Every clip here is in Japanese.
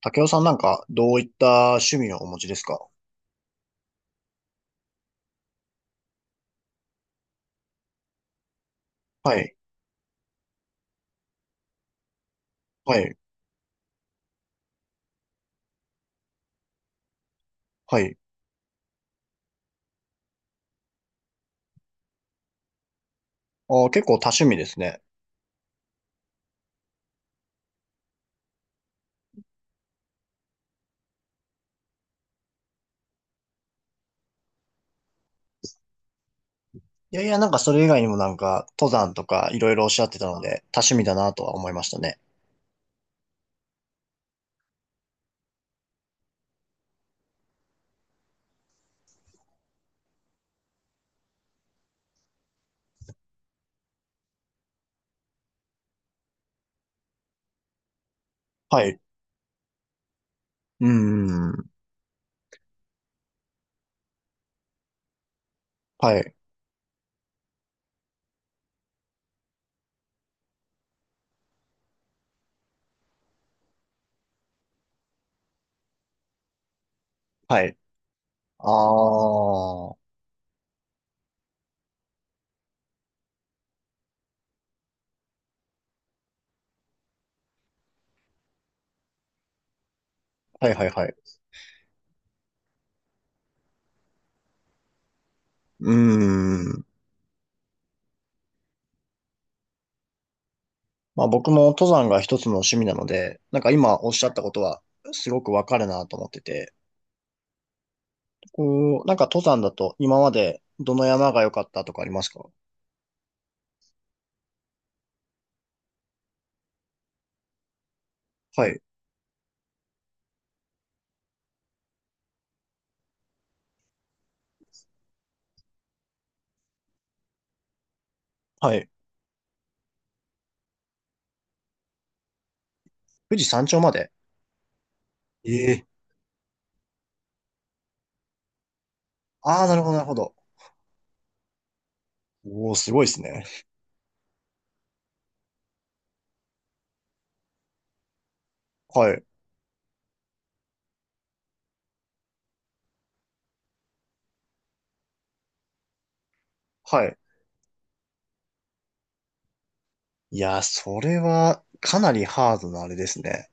竹雄さんなんかどういった趣味をお持ちですか？はい、はい、はい。あー、結構多趣味ですね。いやいや、なんかそれ以外にもなんか登山とかいろいろおっしゃってたので多趣味だなとは思いましたね。はい。うーん。はい。はい。ああ。はいはいはい。うーん。まあ僕も登山が一つの趣味なので、なんか今おっしゃったことはすごくわかるなと思ってて、こう、なんか登山だと今までどの山が良かったとかありますか？はい。はい。富士山頂まで。ええ。ああ、なるほど、なるほど。おお、すごいですね。はい。はい。いやー、それは、かなりハードなあれですね。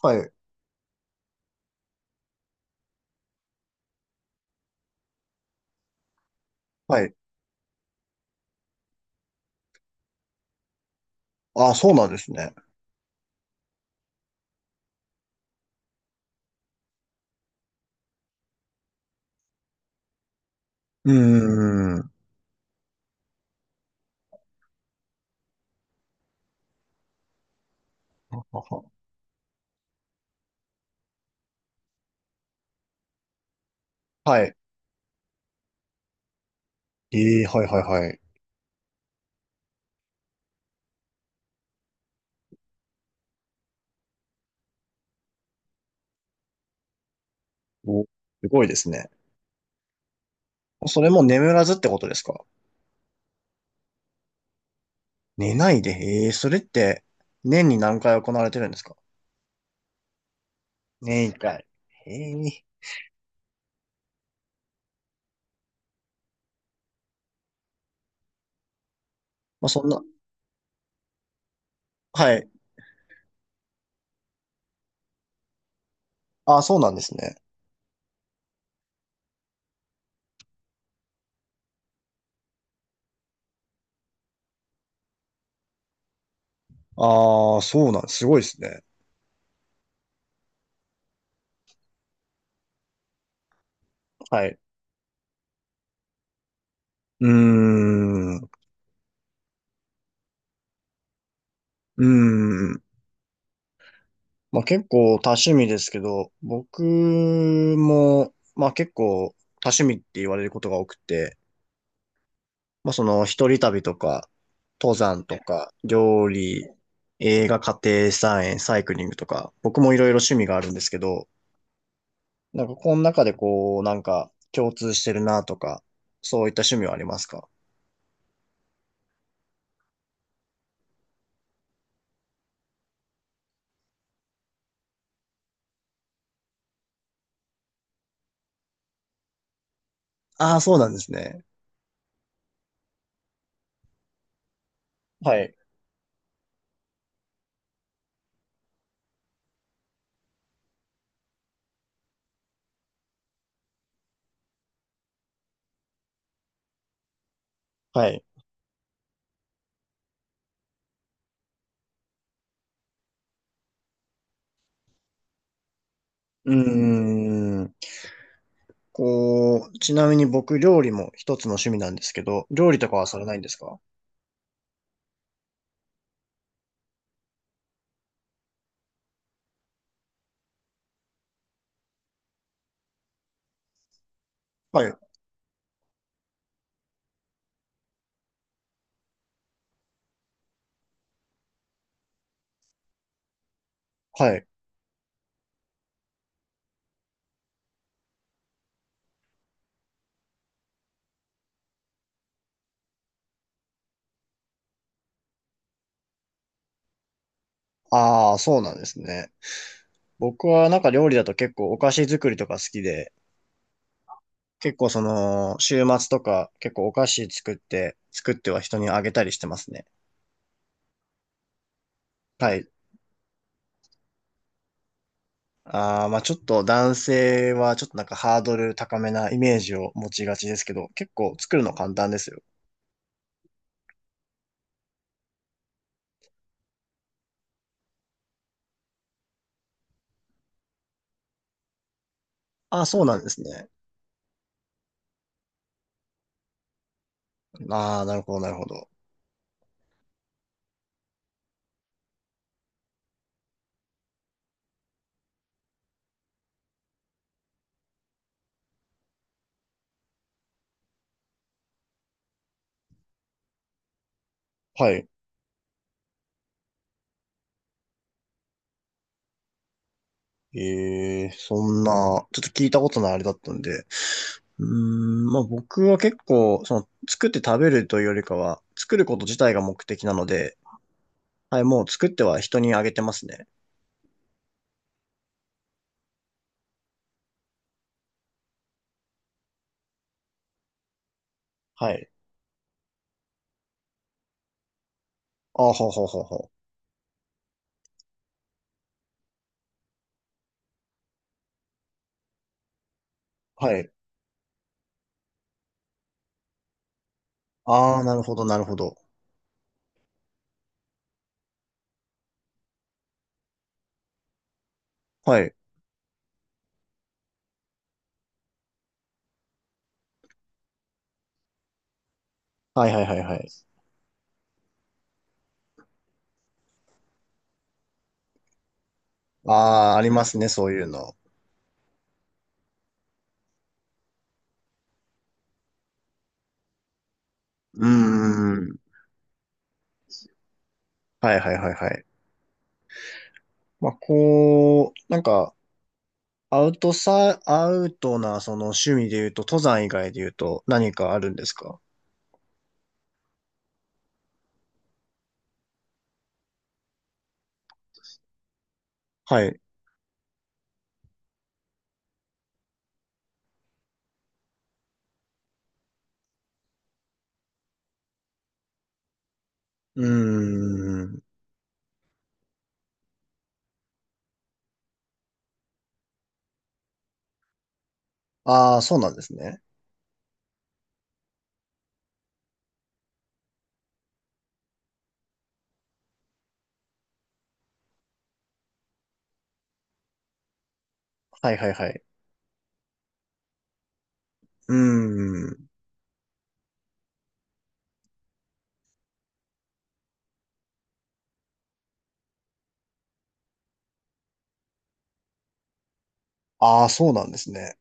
はい。はい。ああ、そうなんですね。うーん。はは。はい。ええ、はい、はい、はい。お、すごいですね。それも眠らずってことですか？寝ないで、ええ、それって、年に何回行われてるんですか？年一回。へえ。まあ、そんな。はい。ああ、そうなんですね。ああ、そうなん、すごいですね。はい。うーん。うん。まあ結構多趣味ですけど、僕も、まあ結構多趣味って言われることが多くて、まあその一人旅とか、登山とか、料理、映画、家庭菜園、サイクリングとか、僕もいろいろ趣味があるんですけど、なんかこの中でこう、なんか共通してるなとか、そういった趣味はありますか？ああー、そうなんですね。はい。はい。うー、こう、ちなみに僕、料理も一つの趣味なんですけど、料理とかはされないんですか？はい。はい。ああ、そうなんですね。僕はなんか料理だと結構お菓子作りとか好きで、結構その、週末とか結構お菓子作って、作っては人にあげたりしてますね。はい。ああ、まあちょっと男性はちょっとなんかハードル高めなイメージを持ちがちですけど、結構作るの簡単ですよ。ああ、そうなんですね。ああ、なるほど、なるほど。はい。ええそんな、ちょっと聞いたことないあれだったんで。うーん、まあ僕は結構、その、作って食べるというよりかは、作ること自体が目的なので、はい、もう作っては人にあげてますね。はい。ああ、ほうほうほうほう。はい。ああ、なるほど、なるほど。はい。はいはいはいはい。ああ、ありますね、そういうの。うーん。はいはいはいはい。まあ、こう、なんか、アウトな、その趣味で言うと、登山以外で言うと、何かあるんですか？はい。うーん。ああ、そうなんですね。はいはいはい。うーん。ああ、そうなんですね。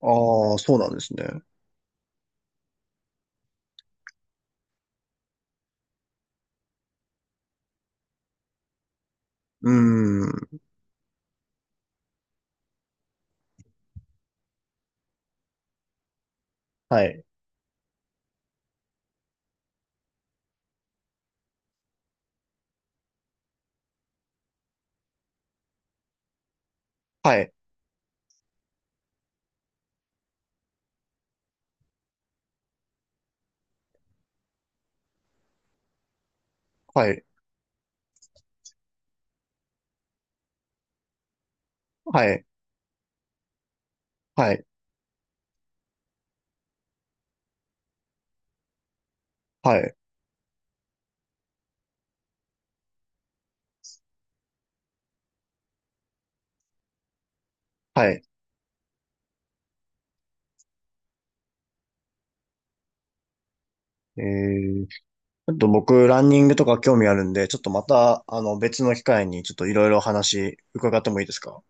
ああ、そうなんですね。うーん。はい。はい。はい。はい。はい。はい。はい。えー、ちょっと僕、ランニングとか興味あるんで、ちょっとまた、あの、別の機会に、ちょっといろいろ話伺ってもいいですか？